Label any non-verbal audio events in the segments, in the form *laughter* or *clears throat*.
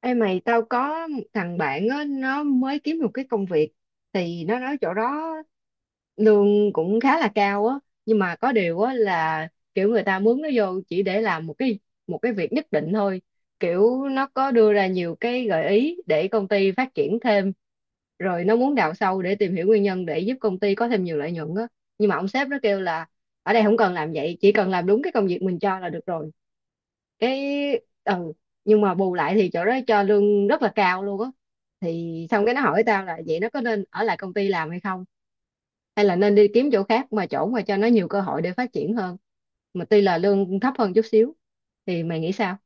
Ê mày, tao có một thằng bạn á, nó mới kiếm được cái công việc thì nó nói chỗ đó lương cũng khá là cao á. Nhưng mà có điều á là kiểu người ta mướn nó vô chỉ để làm một cái việc nhất định thôi, kiểu nó có đưa ra nhiều cái gợi ý để công ty phát triển thêm, rồi nó muốn đào sâu để tìm hiểu nguyên nhân để giúp công ty có thêm nhiều lợi nhuận á. Nhưng mà ông sếp nó kêu là ở đây không cần làm vậy, chỉ cần làm đúng cái công việc mình cho là được rồi. Cái ừ, nhưng mà bù lại thì chỗ đó cho lương rất là cao luôn á. Thì xong cái nó hỏi tao là vậy nó có nên ở lại công ty làm hay không, hay là nên đi kiếm chỗ khác, mà chỗ mà cho nó nhiều cơ hội để phát triển hơn mà tuy là lương thấp hơn chút xíu. Thì mày nghĩ sao?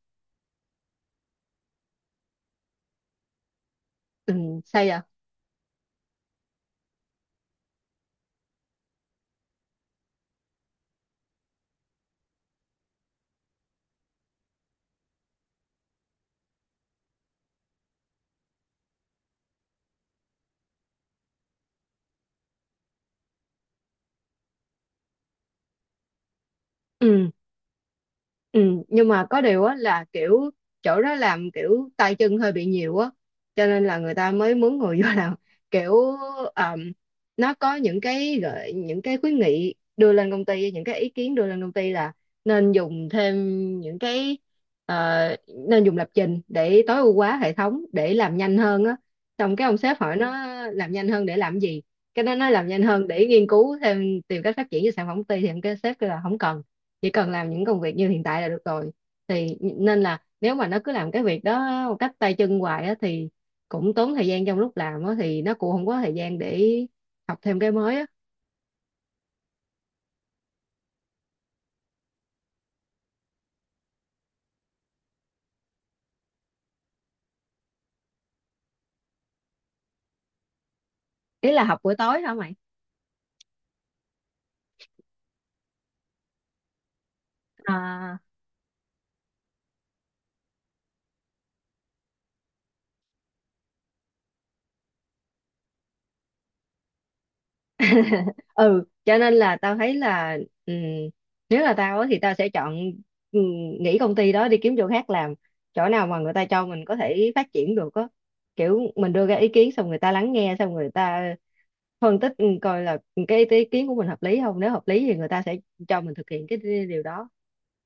Ừ, sao vậy? Ừ, ừ, nhưng mà có điều á là kiểu chỗ đó làm kiểu tay chân hơi bị nhiều á, cho nên là người ta mới mướn người vô làm kiểu, um, nó có những cái gợi những cái khuyến nghị đưa lên công ty, những cái ý kiến đưa lên công ty là nên dùng thêm những cái, ờ, nên dùng lập trình để tối ưu hóa hệ thống để làm nhanh hơn á. Xong cái ông sếp hỏi nó làm nhanh hơn để làm gì, cái nó nói làm nhanh hơn để nghiên cứu thêm, tìm cách phát triển cho sản phẩm của công ty, thì ông cái sếp kêu là không cần, chỉ cần làm những công việc như hiện tại là được rồi. Thì nên là nếu mà nó cứ làm cái việc đó một cách tay chân hoài á thì cũng tốn thời gian, trong lúc làm á thì nó cũng không có thời gian để học thêm cái mới á. Ý là học buổi tối hả mày? À, *laughs* ừ, cho nên là tao thấy là, ừm, nếu là tao á thì tao sẽ chọn, ừm, nghỉ công ty đó đi kiếm chỗ khác làm, chỗ nào mà người ta cho mình có thể phát triển được á, kiểu mình đưa ra ý kiến xong người ta lắng nghe, xong người ta phân tích coi là cái ý kiến của mình hợp lý không. Nếu hợp lý thì người ta sẽ cho mình thực hiện cái điều đó,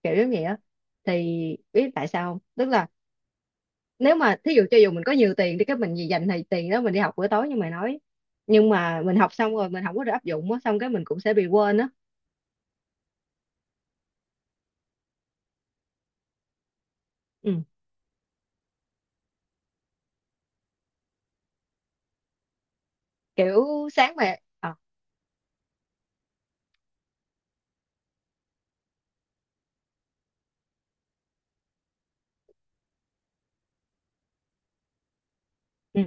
kiểu giống vậy á. Thì biết tại sao không, tức là nếu mà thí dụ cho dù mình có nhiều tiền đi, cái mình gì dành thì tiền đó mình đi học bữa tối như mày nói, nhưng mà mình học xong rồi mình không có được áp dụng á, xong cái mình cũng sẽ bị quên á. Ừ. Kiểu sáng về ừ.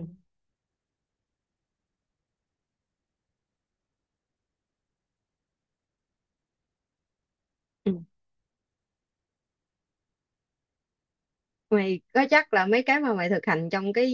ừ. mày có chắc là mấy cái mà mày thực hành trong cái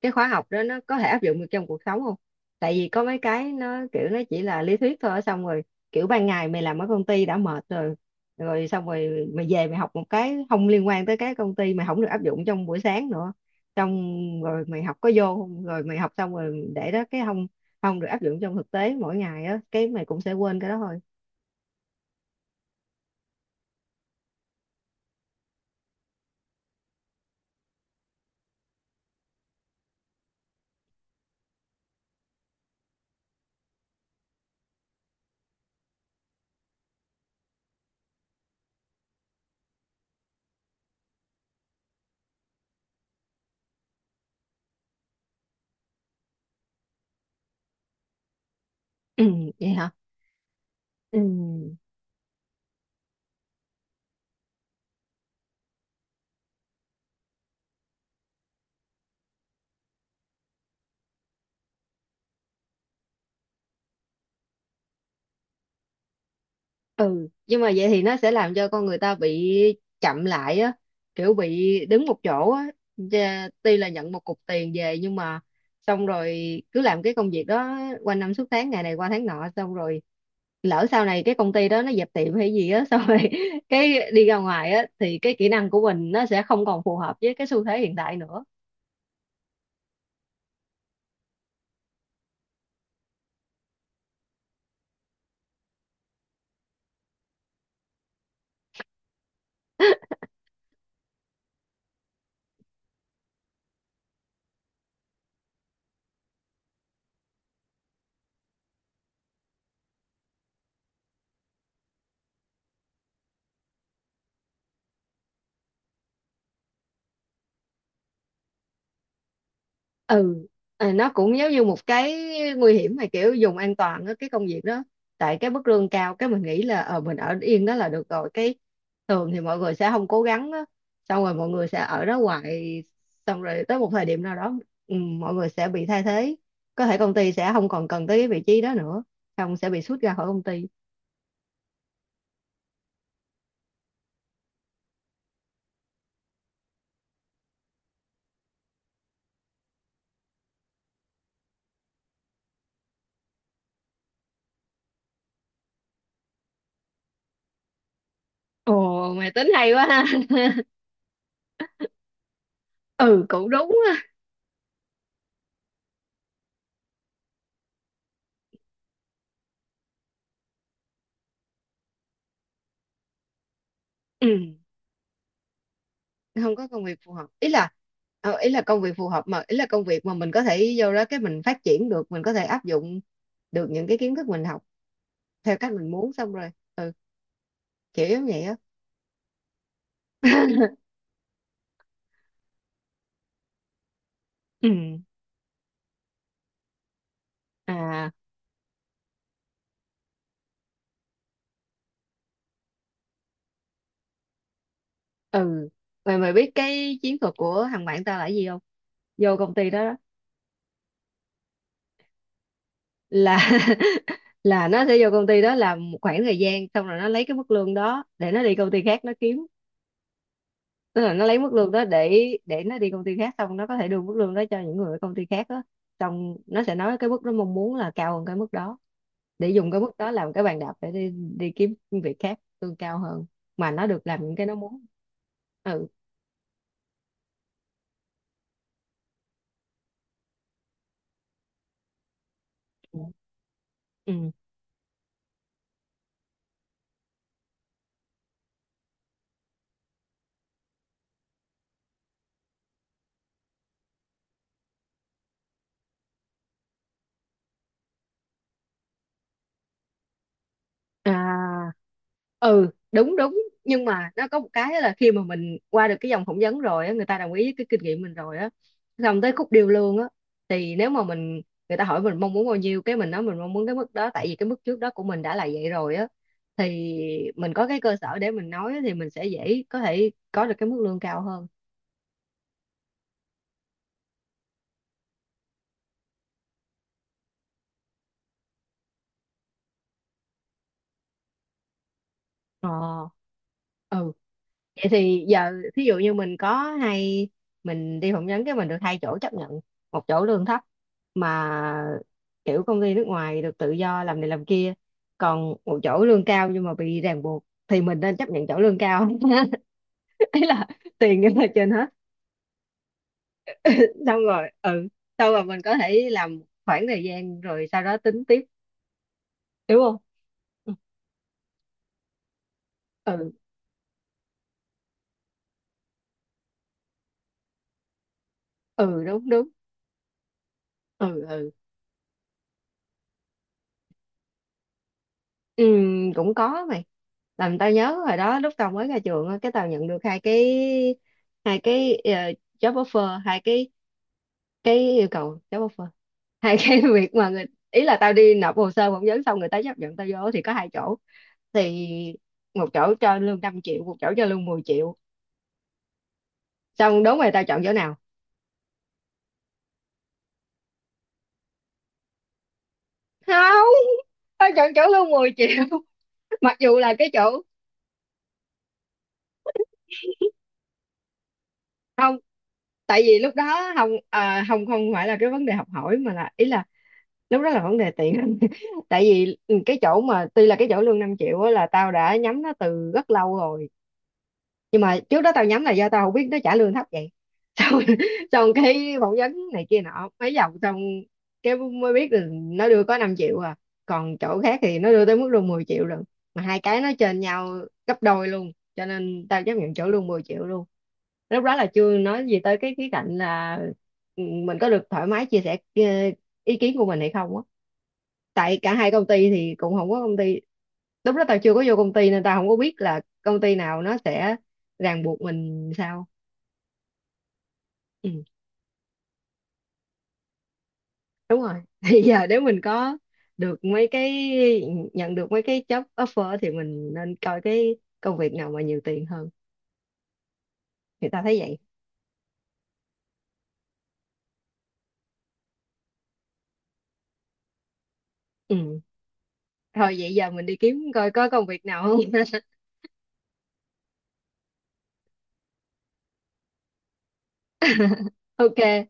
cái khóa học đó nó có thể áp dụng được trong cuộc sống không? Tại vì có mấy cái nó kiểu nó chỉ là lý thuyết thôi, xong rồi kiểu ban ngày mày làm ở công ty đã mệt rồi, rồi xong rồi mày về mày học một cái không liên quan tới cái công ty, mày không được áp dụng trong buổi sáng nữa, xong rồi mày học có vô không, rồi mày học xong rồi để đó, cái không không được áp dụng trong thực tế mỗi ngày á, cái mày cũng sẽ quên cái đó thôi. *clears throat* vậy hả? Ừ. Ừ, nhưng mà vậy thì nó sẽ làm cho con người ta bị chậm lại á, kiểu bị đứng một chỗ á. Dạ, tuy là nhận một cục tiền về nhưng mà xong rồi cứ làm cái công việc đó qua năm suốt tháng, ngày này qua tháng nọ, xong rồi lỡ sau này cái công ty đó nó dẹp tiệm hay gì á, xong rồi *laughs* cái đi ra ngoài á thì cái kỹ năng của mình nó sẽ không còn phù hợp với cái xu thế hiện tại nữa. Ừ, à, nó cũng giống như một cái nguy hiểm mà kiểu dùng an toàn á, cái công việc đó. Tại cái mức lương cao cái mình nghĩ là ờ mình ở yên đó là được rồi, cái thường thì mọi người sẽ không cố gắng á. Xong rồi mọi người sẽ ở đó hoài, xong rồi tới một thời điểm nào đó, ừ, mọi người sẽ bị thay thế. Có thể công ty sẽ không còn cần tới cái vị trí đó nữa, không sẽ bị sút ra khỏi công ty. Ồ, mày tính hay quá ha. *laughs* ừ, cũng đúng á. Ừ, không có công việc phù hợp, ý là, ý là công việc phù hợp mà, ý là công việc mà mình có thể vô đó cái mình phát triển được, mình có thể áp dụng được những cái kiến thức mình học theo cách mình muốn, xong rồi. Ừ, kiểu giống vậy á. *laughs* ừ. À. Ừ, mày mày biết cái chiến thuật của thằng bạn tao là cái gì không? Vô công ty đó, đó là *laughs* là nó sẽ vô công ty đó làm một khoảng thời gian, xong rồi nó lấy cái mức lương đó để nó đi công ty khác nó kiếm. Tức là nó lấy mức lương đó để nó đi công ty khác, xong nó có thể đưa mức lương đó cho những người ở công ty khác đó. Xong nó sẽ nói cái mức nó mong muốn là cao hơn cái mức đó, để dùng cái mức đó làm cái bàn đạp để đi đi kiếm việc khác lương cao hơn mà nó được làm những cái nó muốn. Ừ, ừ à, ừ, đúng đúng, nhưng mà nó có một cái là khi mà mình qua được cái vòng phỏng vấn rồi á, người ta đồng ý với cái kinh nghiệm mình rồi á, xong tới khúc điêu lương á, thì nếu mà mình, người ta hỏi mình mong muốn bao nhiêu, cái mình nói mình mong muốn cái mức đó tại vì cái mức trước đó của mình đã là vậy rồi á, thì mình có cái cơ sở để mình nói thì mình sẽ dễ có thể có được cái mức lương cao hơn. Ờ, ừ. Vậy thì giờ thí dụ như mình có, hay mình đi phỏng vấn cái mình được hai chỗ chấp nhận, một chỗ lương thấp mà kiểu công ty nước ngoài, được tự do làm này làm kia, còn một chỗ lương cao nhưng mà bị ràng buộc, thì mình nên chấp nhận chỗ lương cao. *laughs* Ý là tiền nhưng mà trên hết. Xong rồi ừ, xong rồi mình có thể làm khoảng thời gian rồi sau đó tính tiếp, đúng không? Ừ, ừ đúng đúng. Ừ ừ. Ừ, cũng có mày. Làm tao nhớ hồi đó lúc tao mới ra trường á, cái tao nhận được hai cái job offer, hai cái yêu cầu job offer, hai *laughs* cái việc mà người, ý là tao đi nộp hồ sơ phỏng vấn xong người ta chấp nhận tao vô thì có hai chỗ, thì một chỗ cho lương 5 triệu, một chỗ cho lương 10 triệu. Xong đố mày tao chọn chỗ nào? Không, tao chọn chỗ lương 10 triệu. *laughs* mặc dù là cái chỗ, không, tại vì lúc đó không, à, không không phải là cái vấn đề học hỏi mà là, ý là lúc đó là vấn đề tiền. *laughs* tại vì cái chỗ mà tuy là cái chỗ lương 5 triệu á là tao đã nhắm nó từ rất lâu rồi, nhưng mà trước đó tao nhắm là do tao không biết nó trả lương thấp vậy. Xong, *laughs* xong cái phỏng vấn này kia nọ mấy vòng, xong cái mới biết là nó đưa có 5 triệu à, còn chỗ khác thì nó đưa tới mức luôn 10 triệu rồi, mà hai cái nó trên nhau gấp đôi luôn, cho nên tao chấp nhận chỗ luôn 10 triệu luôn. Lúc đó là chưa nói gì tới cái khía cạnh là, ừ, mình có được thoải mái chia sẻ ý kiến của mình hay không á. Tại cả hai công ty thì cũng không có công ty, lúc đó tao chưa có vô công ty nên tao không có biết là công ty nào nó sẽ ràng buộc mình sao. Ừ, đúng rồi, *laughs* thì giờ nếu mình có được mấy cái, nhận được mấy cái job offer thì mình nên coi cái công việc nào mà nhiều tiền hơn, thì tao thấy vậy. Ừ. Thôi vậy giờ mình đi kiếm coi có công việc nào không. *laughs* ok.